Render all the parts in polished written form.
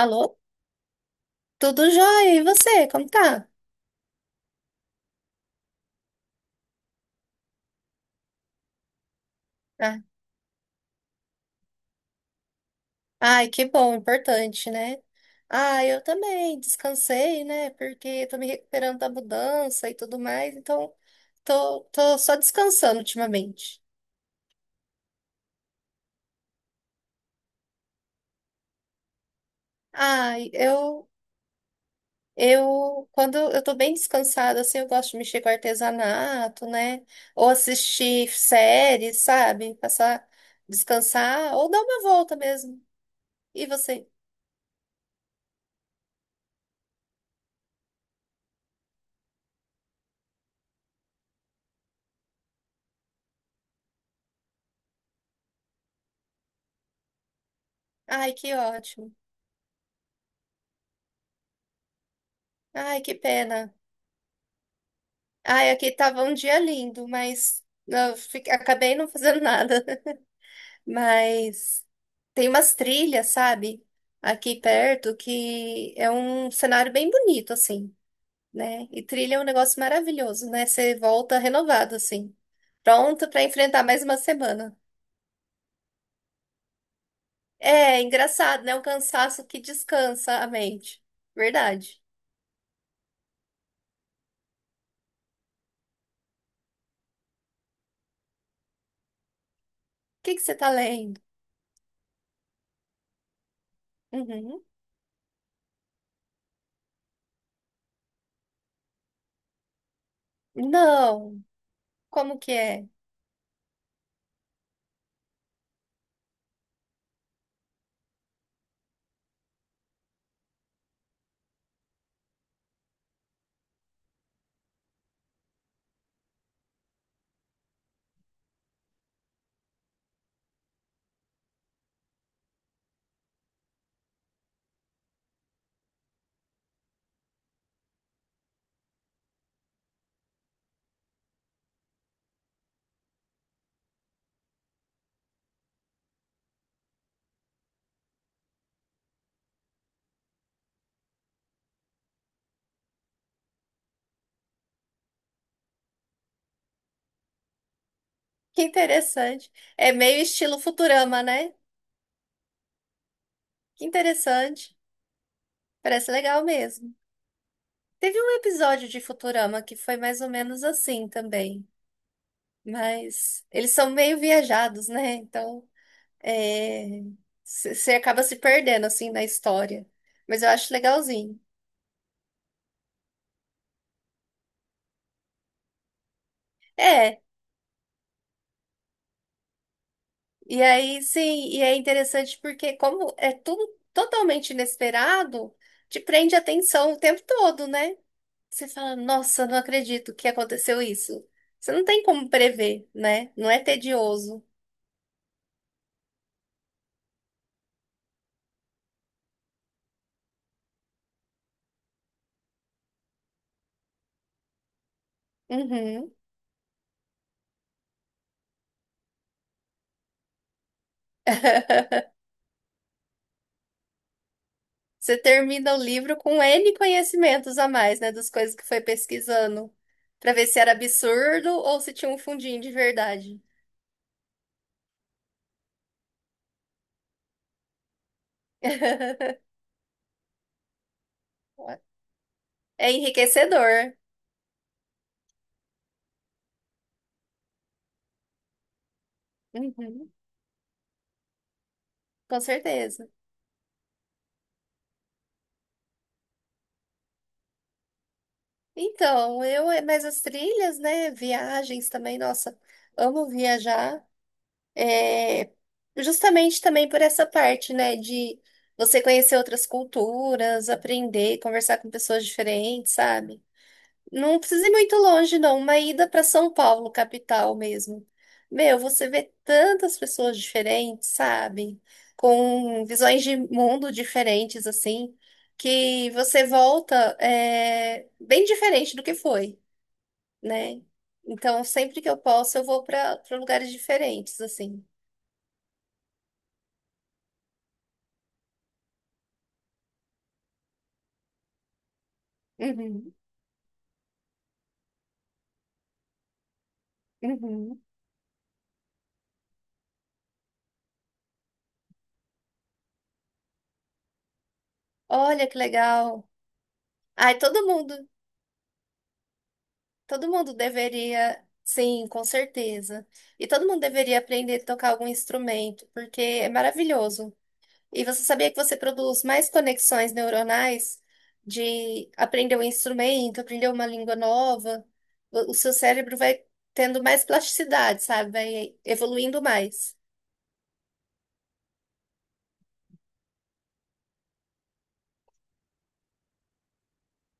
Alô? Tudo jóia? E você? Como tá? Ah, Ai, que bom, importante, né? Ah, eu também descansei, né? Porque tô me recuperando da mudança e tudo mais, então tô só descansando ultimamente. Ai, quando eu tô bem descansada, assim, eu gosto de mexer com artesanato, né? Ou assistir séries, sabe? Passar, descansar, ou dar uma volta mesmo. E você? Ai, que ótimo. Ai, que pena. Ai, aqui tava um dia lindo, mas eu acabei não fazendo nada. Mas tem umas trilhas, sabe? Aqui perto, que é um cenário bem bonito, assim, né? E trilha é um negócio maravilhoso, né? Você volta renovado, assim, pronto pra enfrentar mais uma semana. É engraçado, né? Um cansaço que descansa a mente. Verdade. O que que você tá lendo? Uhum. Não. Como que é? Que interessante. É meio estilo Futurama, né? Que interessante. Parece legal mesmo. Teve um episódio de Futurama que foi mais ou menos assim também. Mas eles são meio viajados, né? Então, é... você acaba se perdendo, assim, na história. Mas eu acho legalzinho. É, e aí, sim, e é interessante porque como é tudo totalmente inesperado, te prende a atenção o tempo todo, né? Você fala, nossa, não acredito que aconteceu isso. Você não tem como prever, né? Não é tedioso. Uhum. Você termina o livro com N conhecimentos a mais, né? Das coisas que foi pesquisando, pra ver se era absurdo ou se tinha um fundinho de verdade. É enriquecedor. Uhum, com certeza. Mas as trilhas, né? Viagens também, nossa, amo viajar. É, justamente também por essa parte, né, de você conhecer outras culturas, aprender, conversar com pessoas diferentes, sabe? Não precisa ir muito longe, não. Uma ida para São Paulo, capital mesmo. Meu, você vê tantas pessoas diferentes, sabe? Com visões de mundo diferentes, assim, que você volta é, bem diferente do que foi, né? Então, sempre que eu posso, eu vou para lugares diferentes, assim. Uhum. Uhum. Olha que legal. Ai, todo mundo, todo mundo deveria, sim, com certeza. E todo mundo deveria aprender a tocar algum instrumento, porque é maravilhoso. E você sabia que você produz mais conexões neuronais de aprender um instrumento, aprender uma língua nova? O seu cérebro vai tendo mais plasticidade, sabe? Vai evoluindo mais.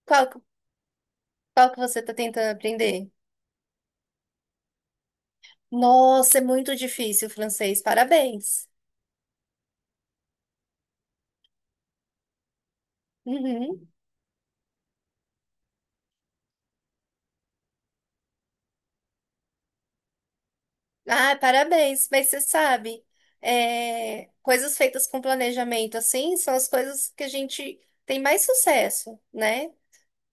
Qual, que- qual que você está tentando aprender? Nossa, é muito difícil o francês. Parabéns. Uhum. Ah, parabéns, mas você sabe, é, coisas feitas com planejamento assim são as coisas que a gente tem mais sucesso, né?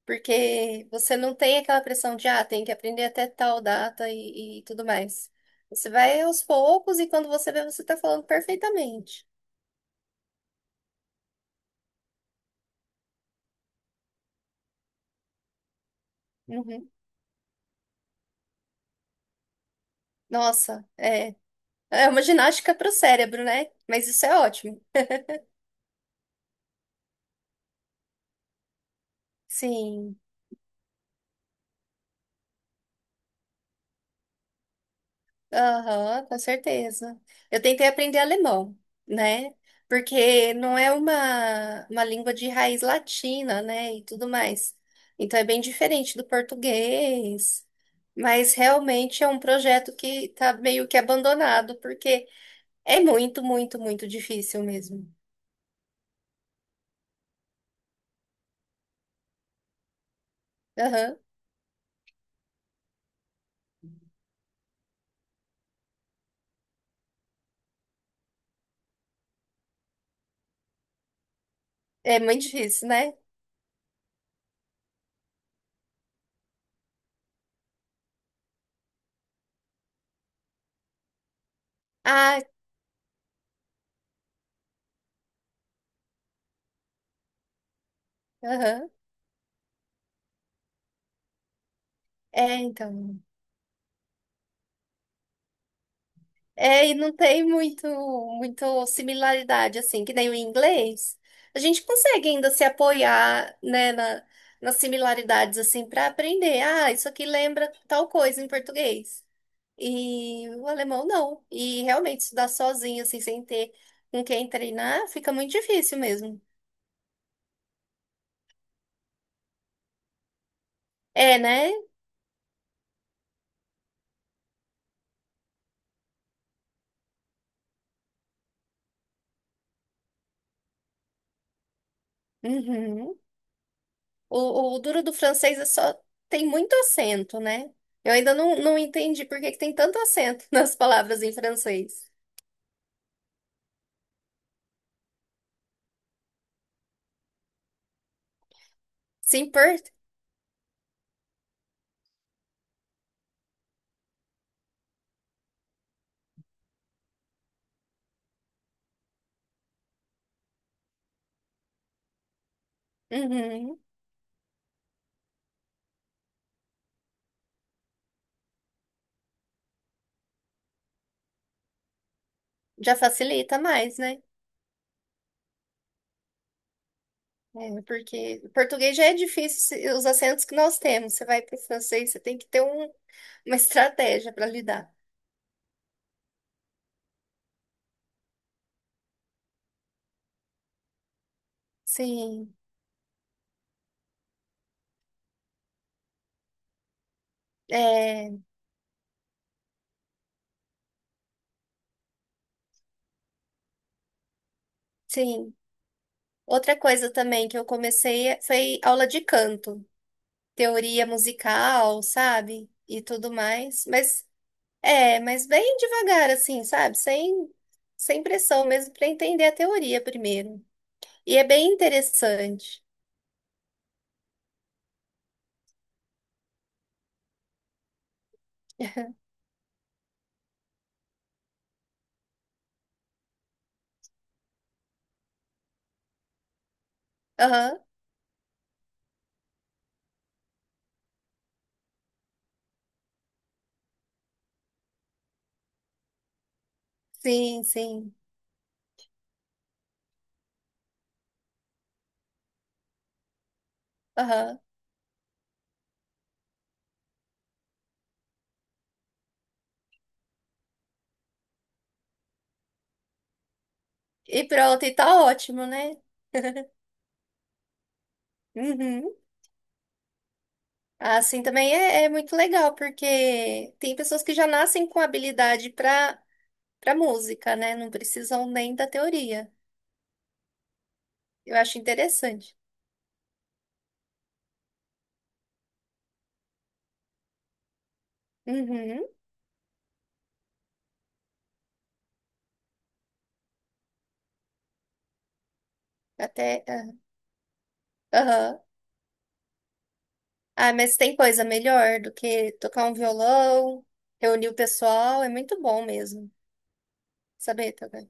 Porque você não tem aquela pressão de, ah, tem que aprender até tal data e tudo mais. Você vai aos poucos e quando você vê, você tá falando perfeitamente. Uhum. Nossa, é uma ginástica pro cérebro, né? Mas isso é ótimo. Sim. Aham, com certeza. Eu tentei aprender alemão, né? Porque não é uma língua de raiz latina, né? E tudo mais. Então é bem diferente do português. Mas realmente é um projeto que tá meio que abandonado, porque é muito, muito, muito difícil mesmo. Aham. É muito difícil, né? Ah, aham. É, então. É, e não tem muito, muito similaridade, assim, que nem o inglês. A gente consegue ainda se apoiar, né, nas similaridades, assim, para aprender. Ah, isso aqui lembra tal coisa em português. E o alemão não. E realmente estudar sozinho, assim, sem ter com quem treinar, fica muito difícil mesmo. É, né? Uhum. O duro do francês é só tem muito acento, né? Eu ainda não entendi por que que tem tanto acento nas palavras em francês. Sim, por... Uhum. Já facilita mais, né? É, porque o português já é difícil os acentos que nós temos. Você vai para o francês, você tem que uma estratégia para lidar. Sim, é, sim. Outra coisa também que eu comecei foi aula de canto, teoria musical, sabe? E tudo mais. Mas é, mas bem devagar, assim, sabe? Sem pressão mesmo para entender a teoria primeiro. E é bem interessante. Aham. Sim, sim. Aham. E pronto, e tá ótimo, né? Uhum. Assim também é muito legal, porque tem pessoas que já nascem com habilidade para música, né? Não precisam nem da teoria. Eu acho interessante. Uhum. Até. Ah, Aham. Ah, mas tem coisa melhor do que tocar um violão, reunir o pessoal, é muito bom mesmo. Saber tocar.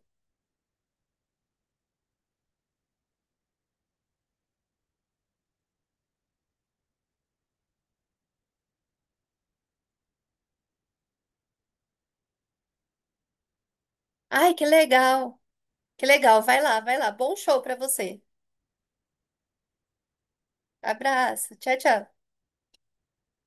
Ai, que legal! Que legal, vai lá, vai lá. Bom show para você. Abraço, tchau, tchau.